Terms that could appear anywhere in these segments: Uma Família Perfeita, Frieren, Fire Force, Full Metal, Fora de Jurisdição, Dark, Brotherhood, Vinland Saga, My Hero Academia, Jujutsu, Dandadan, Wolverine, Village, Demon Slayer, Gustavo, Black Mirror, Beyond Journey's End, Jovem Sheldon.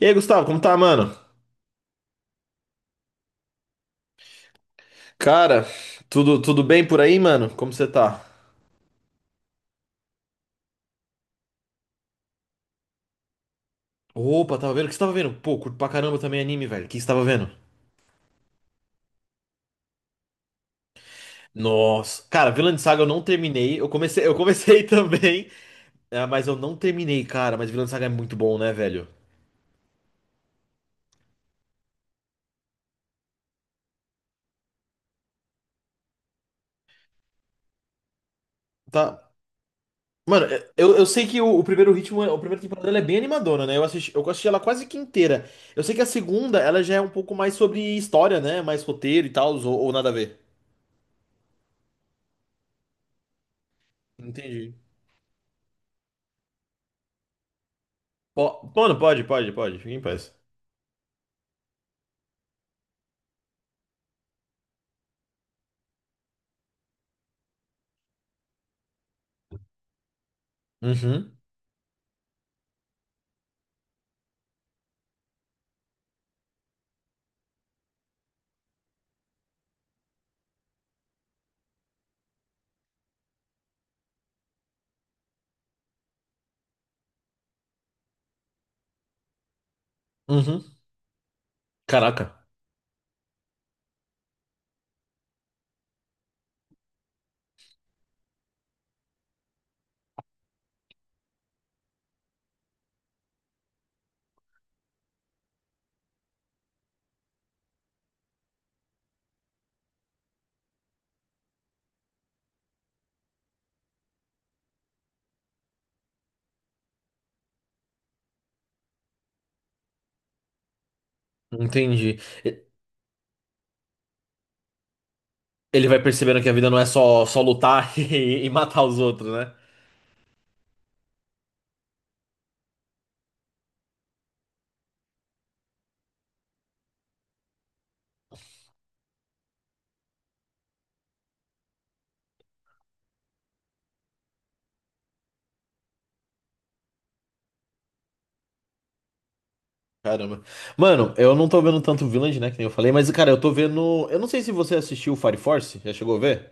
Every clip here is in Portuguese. E aí, Gustavo, como tá, mano? Cara, tudo bem por aí, mano? Como você tá? Opa, tava vendo? O que você tava vendo? Pô, curto pra caramba também anime, velho. O que você tava vendo? Nossa. Cara, Vinland Saga eu não terminei. Eu comecei também, é, mas eu não terminei, cara. Mas Vinland Saga é muito bom, né, velho? Tá. Mano, eu sei que o primeiro ritmo, o primeiro temporada ela é bem animadona, né? Eu assisti ela quase que inteira. Eu sei que a segunda, ela já é um pouco mais sobre história, né? Mais roteiro e tal, ou nada a ver. Entendi. Mano, pode, pode, pode. Fica em paz. Uhum, uhum. Caraca, entendi. E- Ele vai percebendo que a vida não é só, só lutar e matar os outros, né? Caramba. Mano, eu não tô vendo tanto Village, né? Que nem eu falei, mas, cara, eu tô vendo. Eu não sei se você assistiu Fire Force, já chegou a ver?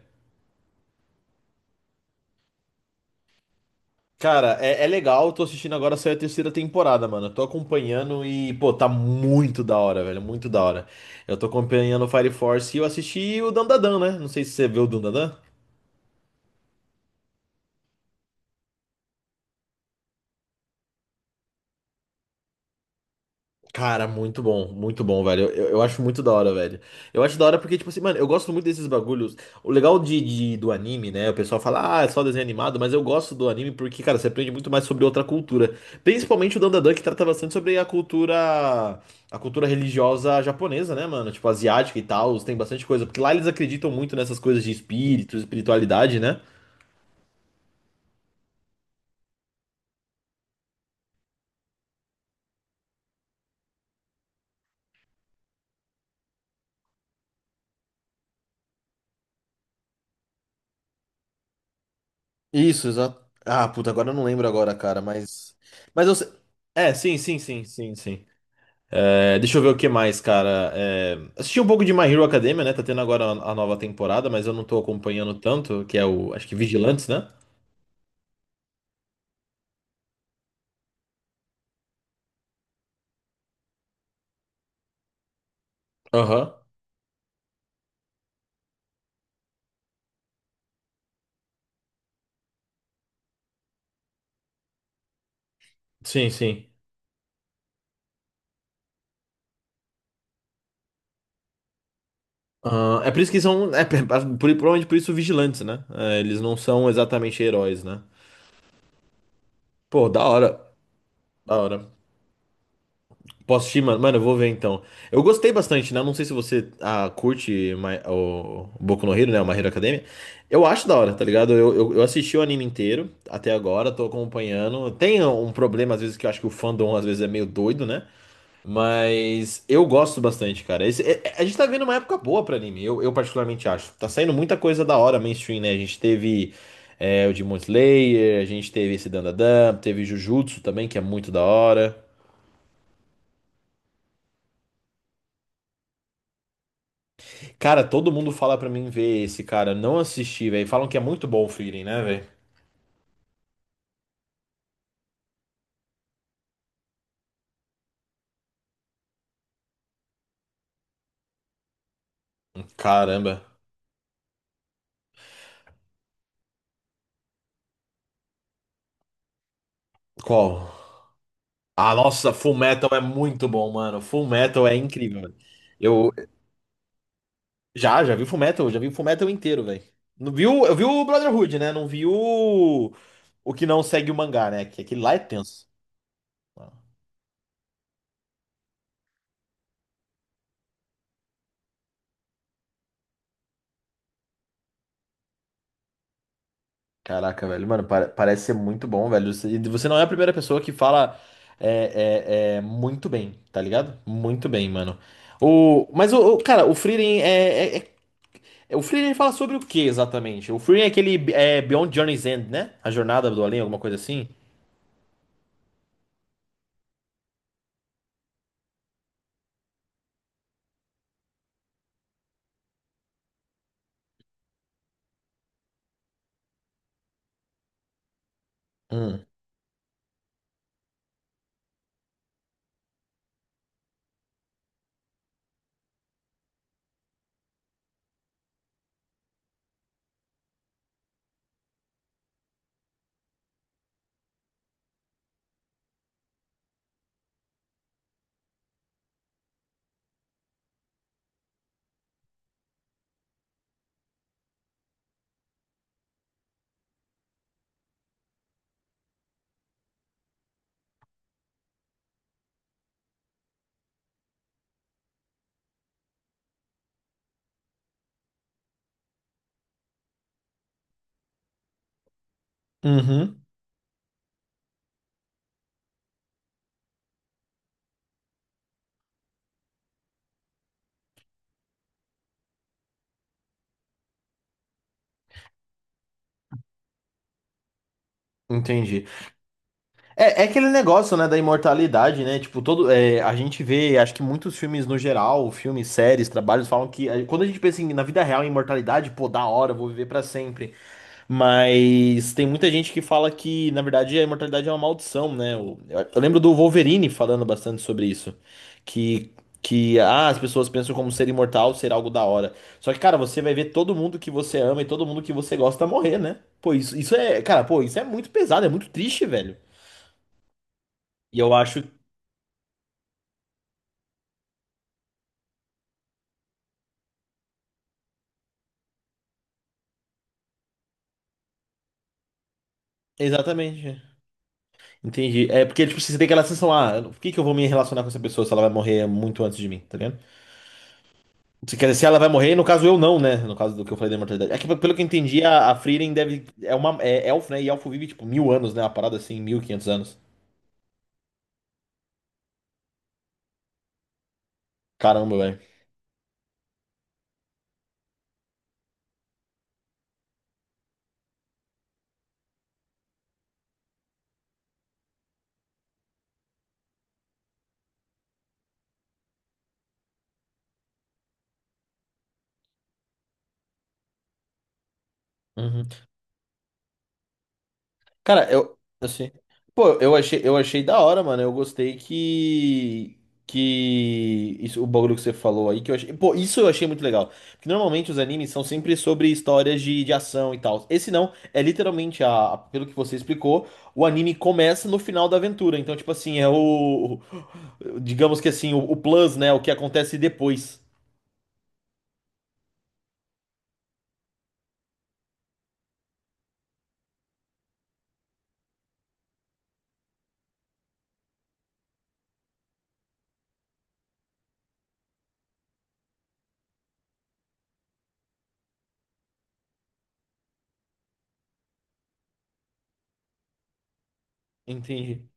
Cara, é, é legal, eu tô assistindo agora, saiu a terceira temporada, mano. Eu tô acompanhando e, pô, tá muito da hora, velho, muito da hora. Eu tô acompanhando o Fire Force e eu assisti o Dandadan, né? Não sei se você viu o Dandadan. Cara, muito bom, velho. Eu, eu acho muito da hora, velho. Eu acho da hora porque, tipo assim, mano, eu gosto muito desses bagulhos. O legal de, do anime, né? O pessoal fala, ah, é só desenho animado, mas eu gosto do anime porque, cara, você aprende muito mais sobre outra cultura. Principalmente o Dandadan, que trata bastante sobre a cultura religiosa japonesa, né, mano? Tipo, asiática e tal, tem bastante coisa. Porque lá eles acreditam muito nessas coisas de espírito, espiritualidade, né? Isso, exato. Ah, puta, agora eu não lembro agora, cara, mas. Mas eu sei- É, sim, sim, sim, sim, sim. É, deixa eu ver o que mais, cara. É, assisti um pouco de My Hero Academia, né? Tá tendo agora a nova temporada, mas eu não tô acompanhando tanto, que é o, acho que Vigilantes, né? Aham. Sim, sim. Ah, é por isso que são, é, provavelmente por isso vigilantes, né? É, eles não são exatamente heróis, né? Pô, da hora. Da hora. Posso assistir, mano? Mano, eu vou ver então. Eu gostei bastante, né? Não sei se você ah, curte o Boku no Hero, né? O My Hero Academia. Eu acho da hora, tá ligado? Eu assisti o anime inteiro até agora, tô acompanhando. Tem um problema, às vezes, que eu acho que o fandom às vezes é meio doido, né? Mas eu gosto bastante, cara. A gente tá vendo uma época boa pra anime, eu particularmente acho. Tá saindo muita coisa da hora mainstream, né? A gente teve é, o Demon Slayer, a gente teve esse Dandadan, teve Jujutsu também, que é muito da hora. Cara, todo mundo fala pra mim ver esse cara. Eu não assisti, velho. Falam que é muito bom o Frieren, né, velho? Caramba. Qual? Ah, nossa, Full Metal é muito bom, mano. Full Metal é incrível, velho. Eu já, já vi Full Metal, já vi Full Metal inteiro, velho. Não viu, eu vi o Brotherhood, né? Não vi o que não segue o mangá, né? Que aquele lá é tenso. Caraca, velho, mano, parece ser muito bom, velho. Você- E você não é a primeira pessoa que fala é, é, é, muito bem, tá ligado? Muito bem, mano. O, mas, o, cara, o Frieren é, o Frieren fala sobre o que exatamente? O Frieren é aquele é, Beyond Journey's End, né? A Jornada do Além, alguma coisa assim? Hum. Uhum, entendi. É, é aquele negócio, né, da imortalidade, né? Tipo, todo, é, a gente vê, acho que muitos filmes no geral, filmes, séries, trabalhos, falam que é, quando a gente pensa em, na vida real, em imortalidade, pô, da hora, eu vou viver pra sempre. Mas tem muita gente que fala que, na verdade, a imortalidade é uma maldição, né? Eu lembro do Wolverine falando bastante sobre isso. Que, que ah, as pessoas pensam como ser imortal ser algo da hora. Só que, cara, você vai ver todo mundo que você ama e todo mundo que você gosta morrer, né? Pô, isso é, cara, pô, isso é muito pesado, é muito triste, velho. E eu acho. Exatamente. É. Entendi. É porque, tipo, você tem aquela sensação, ah, por que que eu vou me relacionar com essa pessoa se ela vai morrer muito antes de mim, tá ligado? Se, quer dizer, se ela vai morrer, no caso eu não, né? No caso do que eu falei da imortalidade. É que, pelo que eu entendi, a Frieren deve. É uma é elfo, né? E elfo vive, tipo, 1000 anos, né? Uma parada assim, 1500 anos. Caramba, velho. Uhum. Cara, eu, assim, pô, eu achei da hora, mano. Eu gostei que isso, o bagulho que você falou aí que eu achei, pô, isso eu achei muito legal. Porque normalmente os animes são sempre sobre histórias de ação e tal. Esse não, é literalmente a, pelo que você explicou, o anime começa no final da aventura. Então, tipo assim, é o, digamos que assim, o plus, né, o que acontece depois. Entendi.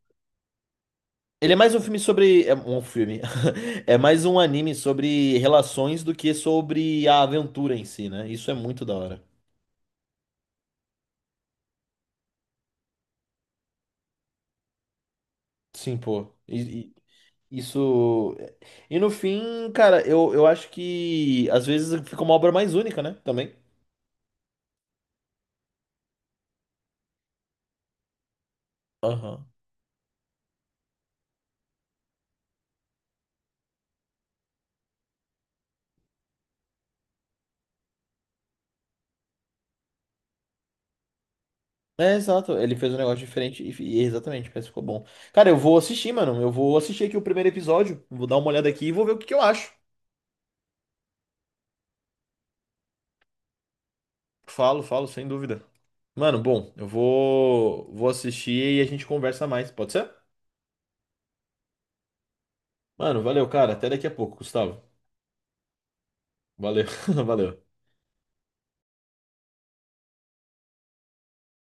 Ele é mais um filme sobre. É um filme. É mais um anime sobre relações do que sobre a aventura em si, né? Isso é muito da hora. Sim, pô. Isso. E no fim, cara, eu acho que às vezes fica uma obra mais única, né? Também. Aham. É, exato. Ele fez um negócio diferente e exatamente, parece que ficou bom. Cara, eu vou assistir, mano. Eu vou assistir aqui o primeiro episódio. Vou dar uma olhada aqui e vou ver o que que eu acho. Falo, falo, sem dúvida. Mano, bom, eu vou, vou assistir e a gente conversa mais, pode ser? Mano, valeu, cara. Até daqui a pouco, Gustavo. Valeu, valeu.